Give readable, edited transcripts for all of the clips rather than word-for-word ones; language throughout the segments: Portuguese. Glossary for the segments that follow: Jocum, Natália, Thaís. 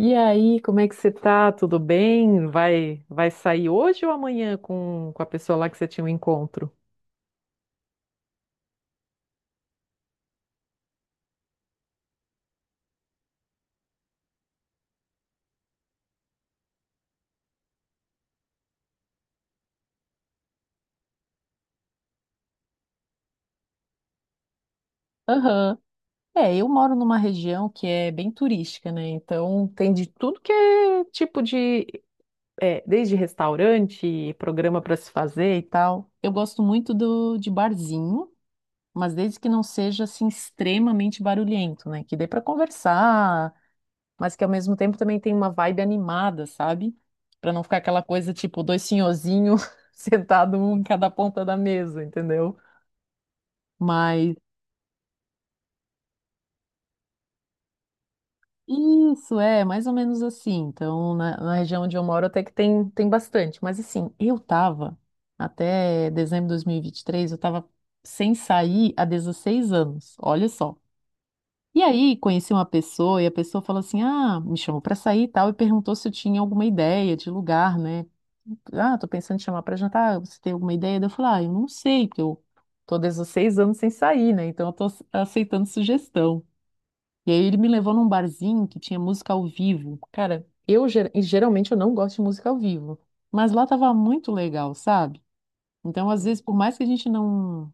E aí, como é que você tá? Tudo bem? Vai sair hoje ou amanhã com a pessoa lá que você tinha um encontro? Aham. Eu moro numa região que é bem turística, né? Então tem de tudo que é tipo de, desde restaurante, programa para se fazer e tal. Eu gosto muito do de barzinho, mas desde que não seja assim extremamente barulhento, né? Que dê para conversar, mas que ao mesmo tempo também tem uma vibe animada, sabe? Pra não ficar aquela coisa tipo dois senhorzinhos sentado um em cada ponta da mesa, entendeu? Mas isso é mais ou menos assim. Então, na região onde eu moro até que tem, tem bastante, mas assim, eu tava até dezembro de 2023, eu tava sem sair há 16 anos. Olha só. E aí, conheci uma pessoa e a pessoa falou assim: "Ah, me chamou pra sair e tal" e perguntou se eu tinha alguma ideia de lugar, né? Ah, tô pensando em chamar pra jantar, você tem alguma ideia? Daí eu falo, ah, eu não sei, porque eu tô desde os 6 anos sem sair, né? Então eu tô aceitando sugestão. E aí ele me levou num barzinho que tinha música ao vivo. Cara, e geralmente eu não gosto de música ao vivo, mas lá tava muito legal, sabe? Então, às vezes, por mais que a gente não,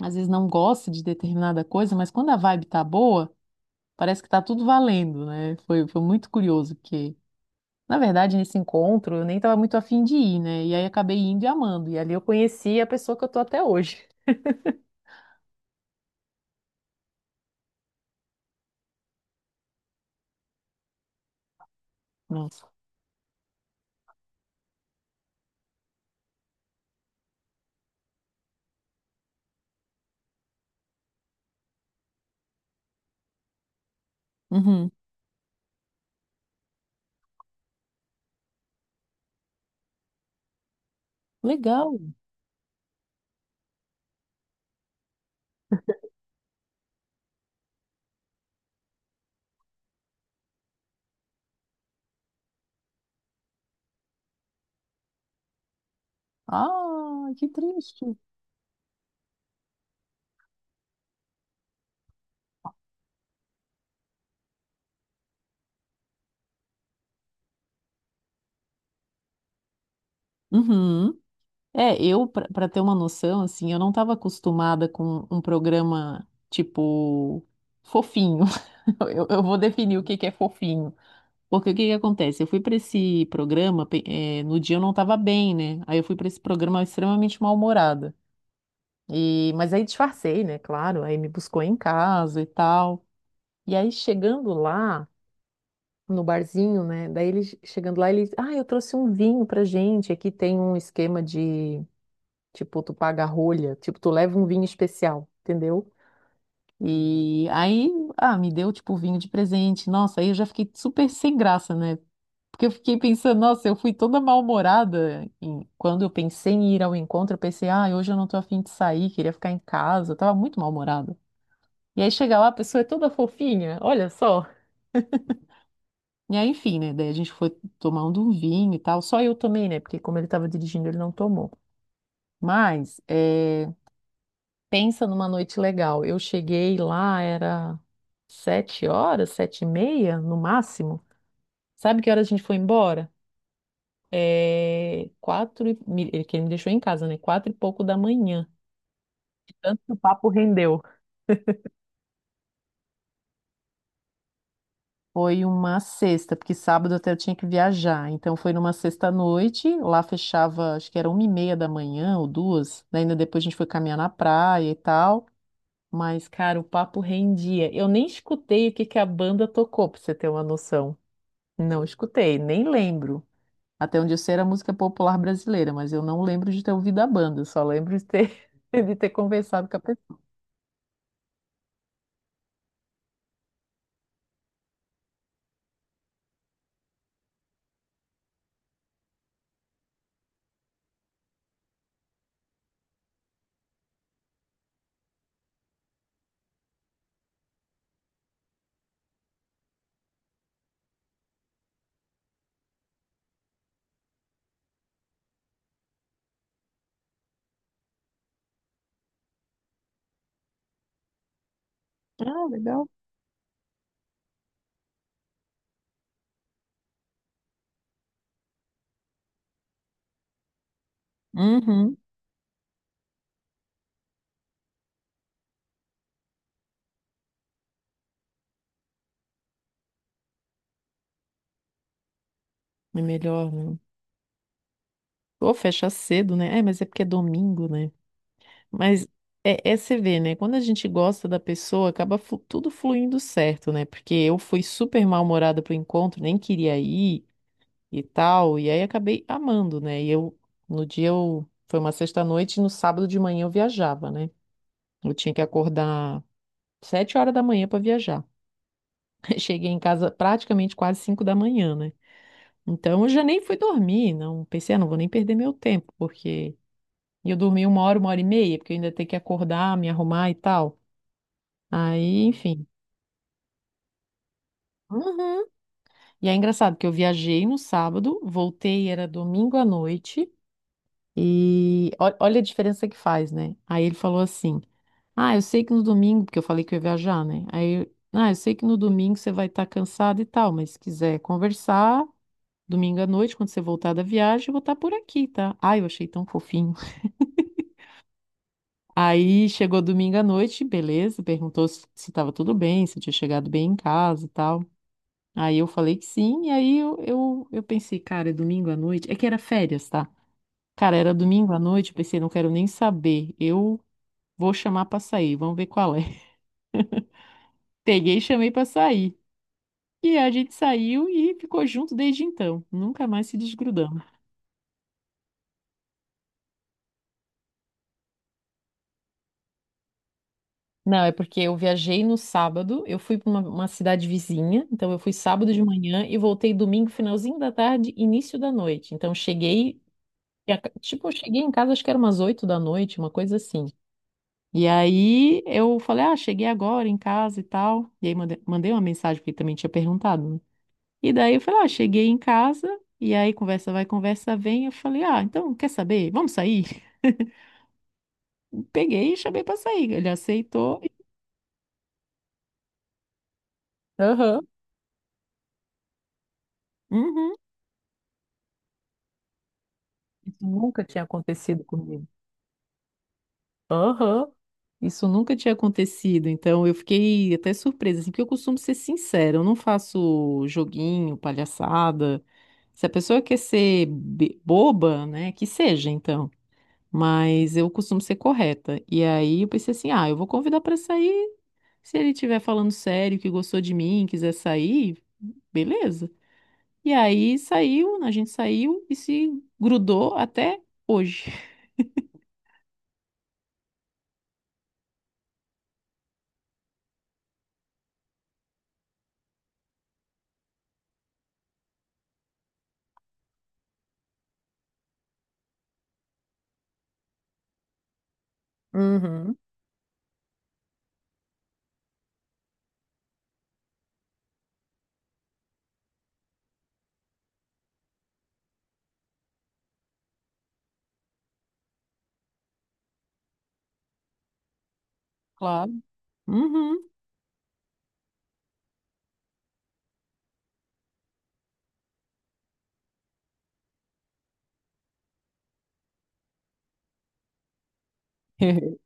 às vezes não goste de determinada coisa, mas quando a vibe tá boa, parece que tá tudo valendo, né? Foi muito curioso, porque na verdade, nesse encontro, eu nem estava muito afim de ir, né? E aí acabei indo e amando. E ali eu conheci a pessoa que eu tô até hoje. Nossa. Uhum. Legal. Ah, que triste. Uhum. É, eu, pra ter uma noção, assim, eu não estava acostumada com um programa, tipo, fofinho. Eu vou definir o que que é fofinho. Porque o que que acontece? Eu fui para esse programa, no dia eu não estava bem, né? Aí eu fui para esse programa extremamente mal-humorada. E, mas aí disfarcei, né? Claro, aí me buscou em casa e tal. E aí chegando lá, no barzinho, né? Daí ele chegando lá, ele, ah, eu trouxe um vinho pra gente. Aqui tem um esquema de, tipo, tu paga a rolha, tipo, tu leva um vinho especial, entendeu? E aí, ah, me deu, tipo, vinho de presente. Nossa, aí eu já fiquei super sem graça, né? Porque eu fiquei pensando, nossa, eu fui toda mal-humorada. Quando eu pensei em ir ao encontro, eu pensei, ah, hoje eu não tô afim de sair, queria ficar em casa. Eu tava muito mal-humorada. E aí chega lá, a pessoa é toda fofinha, olha só. E aí, enfim, né? Daí a gente foi tomando um vinho e tal. Só eu tomei, né? Porque como ele estava dirigindo, ele não tomou. Mas, é, pensa numa noite legal. Eu cheguei lá, era 7 horas, 7 e meia, no máximo. Sabe que hora a gente foi embora? Ele que ele me deixou em casa, né? Quatro e pouco da manhã. De Tanto que o papo rendeu. Foi uma sexta, porque sábado até eu tinha que viajar. Então foi numa sexta à noite, lá fechava, acho que era 1 e meia da manhã ou duas. Daí ainda depois a gente foi caminhar na praia e tal. Mas, cara, o papo rendia. Eu nem escutei o que que a banda tocou, pra você ter uma noção. Não escutei, nem lembro. Até onde eu sei era música popular brasileira, mas eu não lembro de ter ouvido a banda, eu só lembro de ter, de ter conversado com a pessoa. Ah, legal. Uhum. É melhor, né? Ou fecha cedo, né? É, mas é porque é domingo, né? Mas é, é você vê, né? Quando a gente gosta da pessoa, tudo fluindo certo, né? Porque eu fui super mal-humorada pro encontro, nem queria ir e tal, e aí acabei amando, né? E eu, no dia eu, foi uma sexta-noite, e no sábado de manhã eu viajava, né? Eu tinha que acordar 7 horas da manhã para viajar. Cheguei em casa praticamente quase 5 da manhã, né? Então eu já nem fui dormir, não pensei, ah, não vou nem perder meu tempo, porque e eu dormi uma hora e meia, porque eu ainda tenho que acordar, me arrumar e tal. Aí, enfim. Uhum. E é engraçado que eu viajei no sábado, voltei, era domingo à noite, e olha a diferença que faz, né? Aí ele falou assim: ah, eu sei que no domingo, porque eu falei que eu ia viajar, né? Ah, eu sei que no domingo você vai estar cansado e tal, mas se quiser conversar, domingo à noite, quando você voltar da viagem, eu vou estar por aqui, tá? Ai, eu achei tão fofinho. Aí chegou domingo à noite, beleza, perguntou se estava tudo bem, se eu tinha chegado bem em casa e tal. Aí eu falei que sim, e aí eu pensei, cara, é domingo à noite. É que era férias, tá? Cara, era domingo à noite, eu pensei, não quero nem saber. Eu vou chamar pra sair, vamos ver qual é. Peguei e chamei pra sair. E a gente saiu e ficou junto desde então. Nunca mais se desgrudamos. Não, é porque eu viajei no sábado, eu fui pra uma cidade vizinha, então eu fui sábado de manhã e voltei domingo, finalzinho da tarde, início da noite. Então cheguei, tipo, eu cheguei em casa, acho que era umas 8 da noite, uma coisa assim. E aí eu falei, ah, cheguei agora em casa e tal. E aí mandei uma mensagem, porque ele também tinha perguntado, né? E daí eu falei, ah, cheguei em casa. E aí conversa vai, conversa vem. Eu falei, ah, então quer saber? Vamos sair? Peguei e chamei pra sair. Ele aceitou. Aham. Uhum. Isso nunca tinha acontecido comigo. Aham. Isso nunca tinha acontecido, então eu fiquei até surpresa, assim, porque eu costumo ser sincera, eu não faço joguinho, palhaçada. Se a pessoa quer ser boba, né, que seja, então. Mas eu costumo ser correta. E aí eu pensei assim, ah, eu vou convidar pra sair. Se ele estiver falando sério, que gostou de mim, quiser sair, beleza. E aí saiu, a gente saiu e se grudou até hoje. Uhum. Claro. Uhum.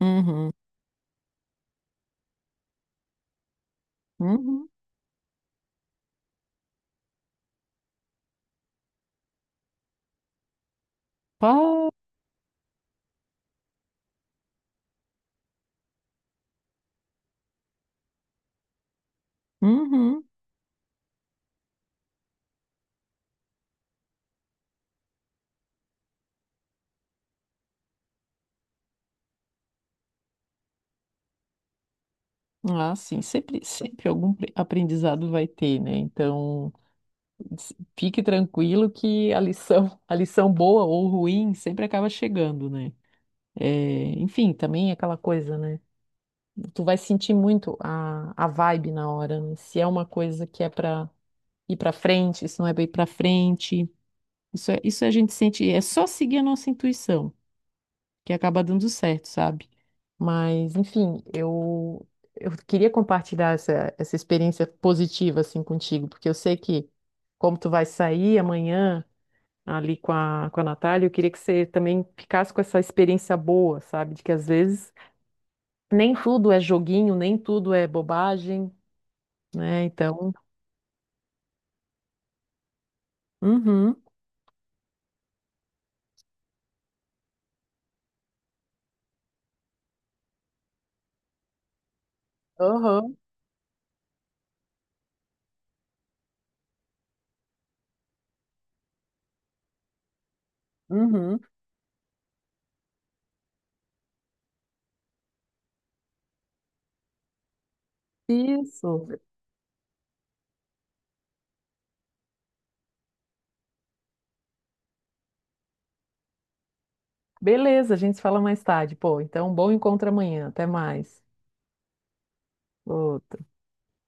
Uhum, uhum, pá, uhum. Ah, sim, sempre, sempre aprendizado vai ter, né? Então, s- fique tranquilo que a lição, a lição boa ou ruim sempre acaba chegando, né? É, enfim, também é aquela coisa, né? Tu vai sentir muito a vibe na hora, né? Se é uma coisa que é pra ir pra frente, se não é pra ir pra frente. Isso é, isso a gente sente, é só seguir a nossa intuição. Que acaba dando certo, sabe? Mas, enfim, eu queria compartilhar essa, essa experiência positiva, assim, contigo, porque eu sei que, como tu vai sair amanhã ali com a Natália, eu queria que você também ficasse com essa experiência boa, sabe? De que às vezes nem tudo é joguinho, nem tudo é bobagem, né? Então, uhum. Uhum, uhum. Isso. Beleza, a gente se fala mais tarde. Pô, então, bom encontro amanhã. Até mais. Ô,